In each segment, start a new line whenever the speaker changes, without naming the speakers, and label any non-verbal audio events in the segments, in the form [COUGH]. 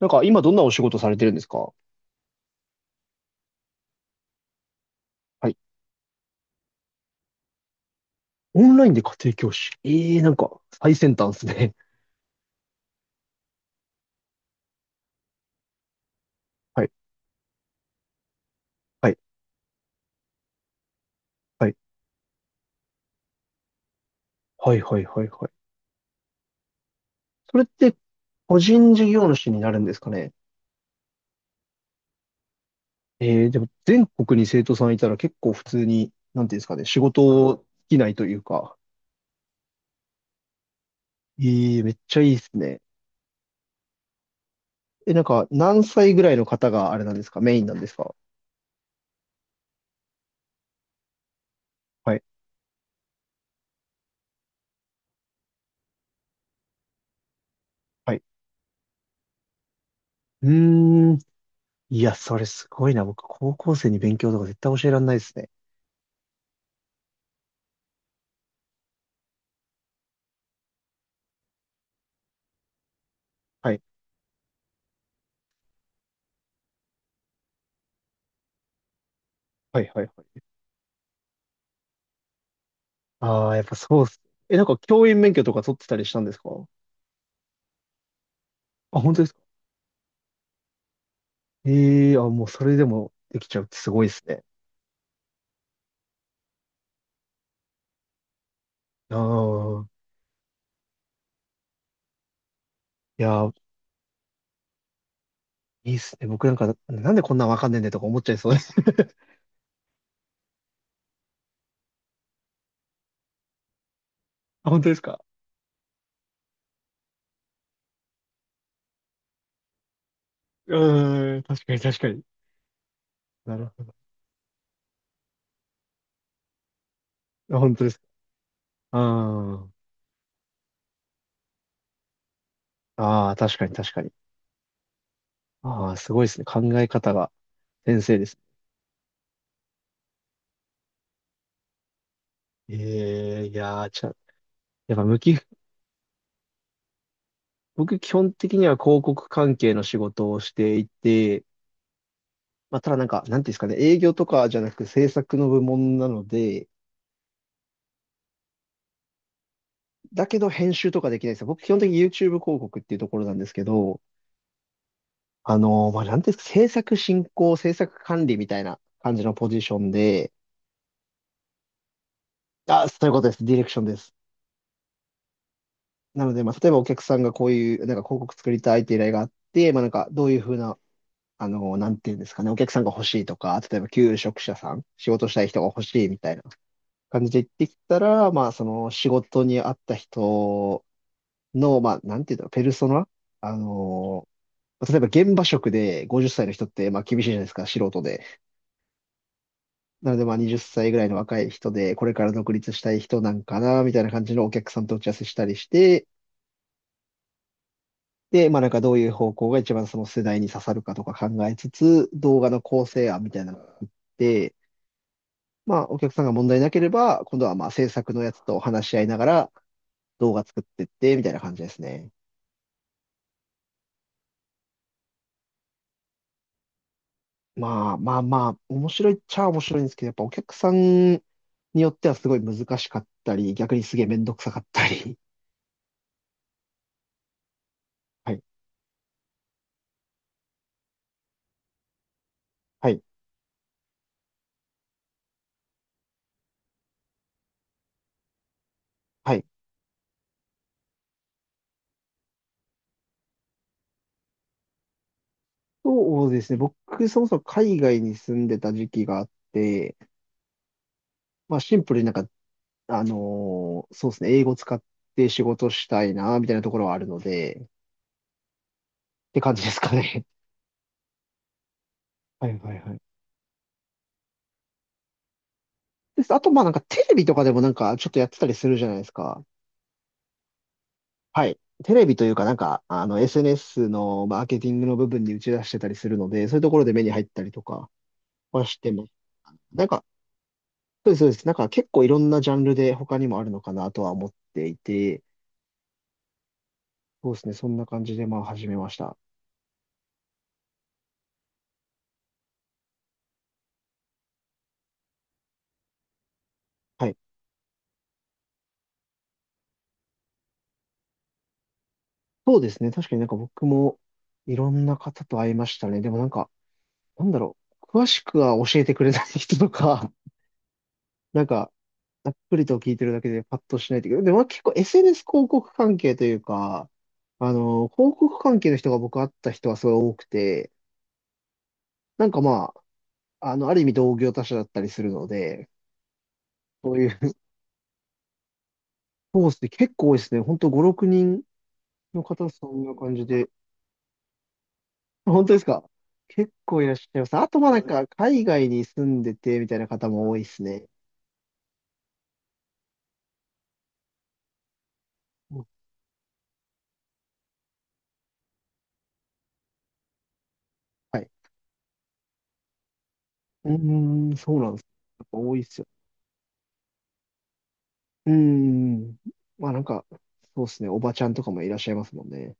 なんか今どんなお仕事されてるんですか？はい。オンラインで家庭教師。なんか最先端ですね。[LAUGHS] はい。はい。はい。はいはいはいはい。それって個人事業主になるんですかね？でも全国に生徒さんいたら結構普通に、なんていうんですかね、仕事を尽きないというか。めっちゃいいですね。なんか何歳ぐらいの方があれなんですか、メインなんですか？はい。はい。うーん。いや、それすごいな。僕、高校生に勉強とか絶対教えられないですね。はい。はいはいはい。ああ、やっぱそうっす。なんか教員免許とか取ってたりしたんですか？あ、本当ですか？ええー、あ、もうそれでもできちゃうってすごいですね。ああ、いやー、いいっすね。僕なんか、なんでこんなんわかんねえんだよとか思っちゃいそうです。[LAUGHS] あ、本当ですか？うーん、確かに確かに。なるほど。あ、本当ですか？うーん。ああ、確かに確かに。ああ、すごいですね。考え方が先生です。ええいやー、やっぱ向き、僕基本的には広告関係の仕事をしていて、まあ、ただなんか、なんていうんですかね、営業とかじゃなく制作の部門なので、だけど編集とかできないんですよ。僕基本的に YouTube 広告っていうところなんですけど、まあ、なんていうんですか、制作進行、制作管理みたいな感じのポジションで、あ、そういうことです。ディレクションです。なので、まあ、例えばお客さんがこういう、なんか広告作りたいっていう依頼があって、まあ、なんか、どういうふうな、なんていうんですかね、お客さんが欲しいとか、例えば求職者さん、仕事したい人が欲しいみたいな感じで言ってきたら、まあ、その仕事に合った人、の、まあ、なんていうんだろう、ペルソナ、あのー例えば現場職で50歳の人って、まあ、厳しいじゃないですか、素人で。なので、まあ、20歳ぐらいの若い人で、これから独立したい人なんかな、みたいな感じのお客さんと打ち合わせしたりして、で、まあ、なんかどういう方向が一番その世代に刺さるかとか考えつつ、動画の構成案みたいなのを作って、まあ、お客さんが問題なければ、今度はまあ、制作のやつと話し合いながら動画作ってって、みたいな感じですね。まあまあまあ、面白いっちゃ面白いんですけど、やっぱお客さんによってはすごい難しかったり、逆にすげえめんどくさかったり。[LAUGHS] はい、はい、はい。そうですね。僕、そもそも海外に住んでた時期があって、まあシンプルになんか、そうですね、英語使って仕事したいな、みたいなところはあるので、って感じですかね。[LAUGHS] はいはいはい。です。あと、まあなんかテレビとかでもなんかちょっとやってたりするじゃないですか。はい。テレビというか、SNS のマーケティングの部分に打ち出してたりするので、そういうところで目に入ったりとかはしてます。なんか、そうです、そうです。なんか結構いろんなジャンルで他にもあるのかなとは思っていて、そうですね。そんな感じで、まあ、始めました。はい。そうですね。確かになんか僕もいろんな方と会いましたね。でもなんか、なんだろう。詳しくは教えてくれない人とか、なんか、ざっくりと聞いてるだけでパッとしないといけない。でも結構 SNS 広告関係というか、あの、広告関係の人が僕会った人はすごい多くて、なんかまあ、あの、ある意味同業他社だったりするので、そういう [LAUGHS] コースで結構多いですね。ほんと5、6人の方そんな感じで。本当ですか？結構いらっしゃいます。あとまあなんか海外に住んでてみたいな方も多いですね。うん、はい。うーん、そうなんです。やっぱ多いっすね。うーん。まあなんか、そうですね。おばちゃんとかもいらっしゃいますもんね。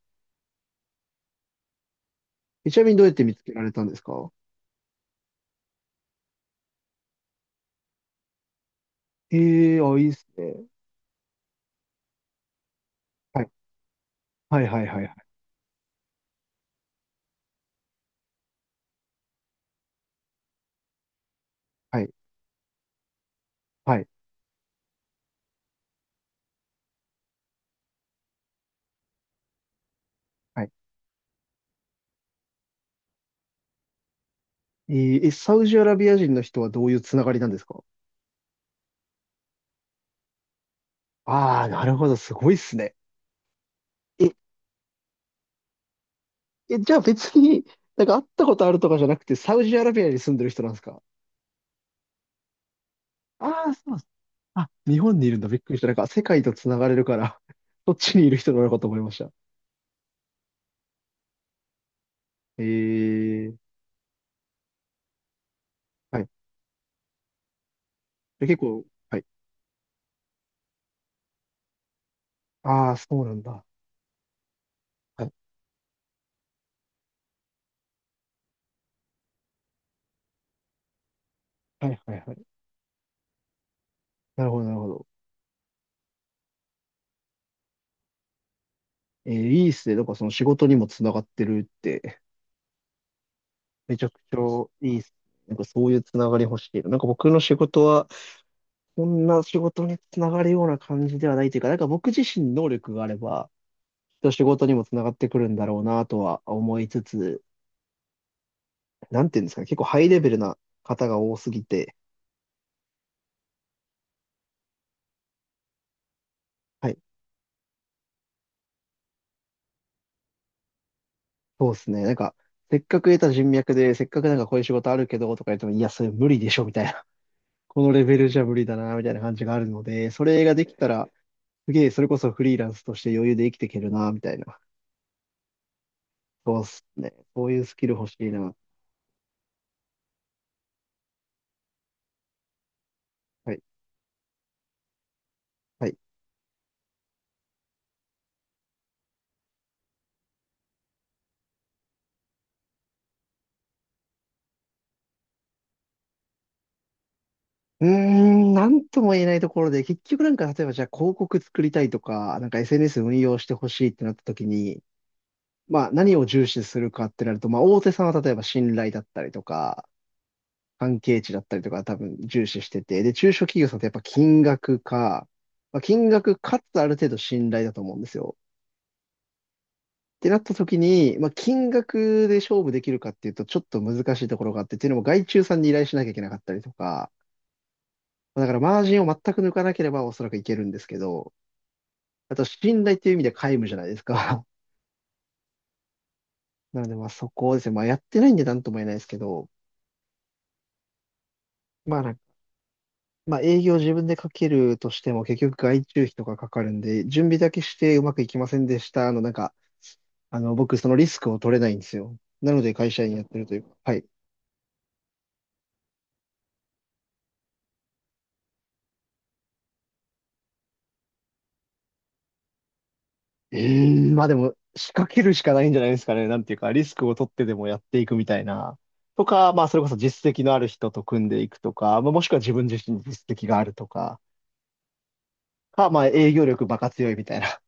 ちなみにどうやって見つけられたんですか？ええー、あ、いいですね。はい。はいはいはいはい。はい。はい。えー、サウジアラビア人の人はどういうつながりなんですか？ああー、なるほど。すごいっすね。え、え、じゃあ別に、なんか会ったことあるとかじゃなくて、サウジアラビアに住んでる人なんですか？ああー、そうっす。あ、日本にいるんだ。びっくりした。なんか世界とつながれるから、そっちにいる人なのかと思いました。ええー、はい。で結構、はい。ああ、そうなんだ。はい、はい、はいはい。なるほど、なるほど。えーいいっすね。なんかその仕事にもつながってるって、[LAUGHS] めちゃくちゃいいっす。なんかそういうつながり欲しいな。なんか僕の仕事は、こんな仕事につながるような感じではないというか、なんか僕自身能力があれば、きっと仕事にもつながってくるんだろうなとは思いつつ、なんていうんですかね、結構ハイレベルな方が多すぎて、はい、そうですね。せっかく得た人脈で、せっかくなんかこういう仕事あるけどとか言っても、いや、それ無理でしょみたいな、このレベルじゃ無理だな、みたいな感じがあるので、それができたら、すげえ、それこそフリーランスとして余裕で生きていけるな、みたいな。そうっすね。そういうスキル欲しいな。はい。はい。うーん、なんとも言えないところで、結局なんか、例えばじゃあ広告作りたいとか、なんか SNS 運用してほしいってなった時に、まあ何を重視するかってなると、まあ大手さんは例えば信頼だったりとか、関係値だったりとか多分重視してて、で、中小企業さんってやっぱ金額か、まあ、金額かつある程度信頼だと思うんですよ。ってなった時に、まあ、金額で勝負できるかっていうと、ちょっと難しいところがあって、っていうのも外注さんに依頼しなきゃいけなかったりとか、まあだからマージンを全く抜かなければおそらくいけるんですけど、あと信頼っていう意味で皆無じゃないですか。[LAUGHS] なのでまあそこをですね、まあやってないんでなんとも言えないですけど、まあなんか、まあ営業自分でかけるとしても結局外注費とかかかるんで、準備だけしてうまくいきませんでした。あの僕そのリスクを取れないんですよ。なので会社員やってるというか、はい。うーん、まあでも、仕掛けるしかないんじゃないですかね。なんていうか、リスクを取ってでもやっていくみたいな。とか、まあそれこそ実績のある人と組んでいくとか、まあ、もしくは自分自身に実績があるとか、か、まあ営業力バカ強いみたいな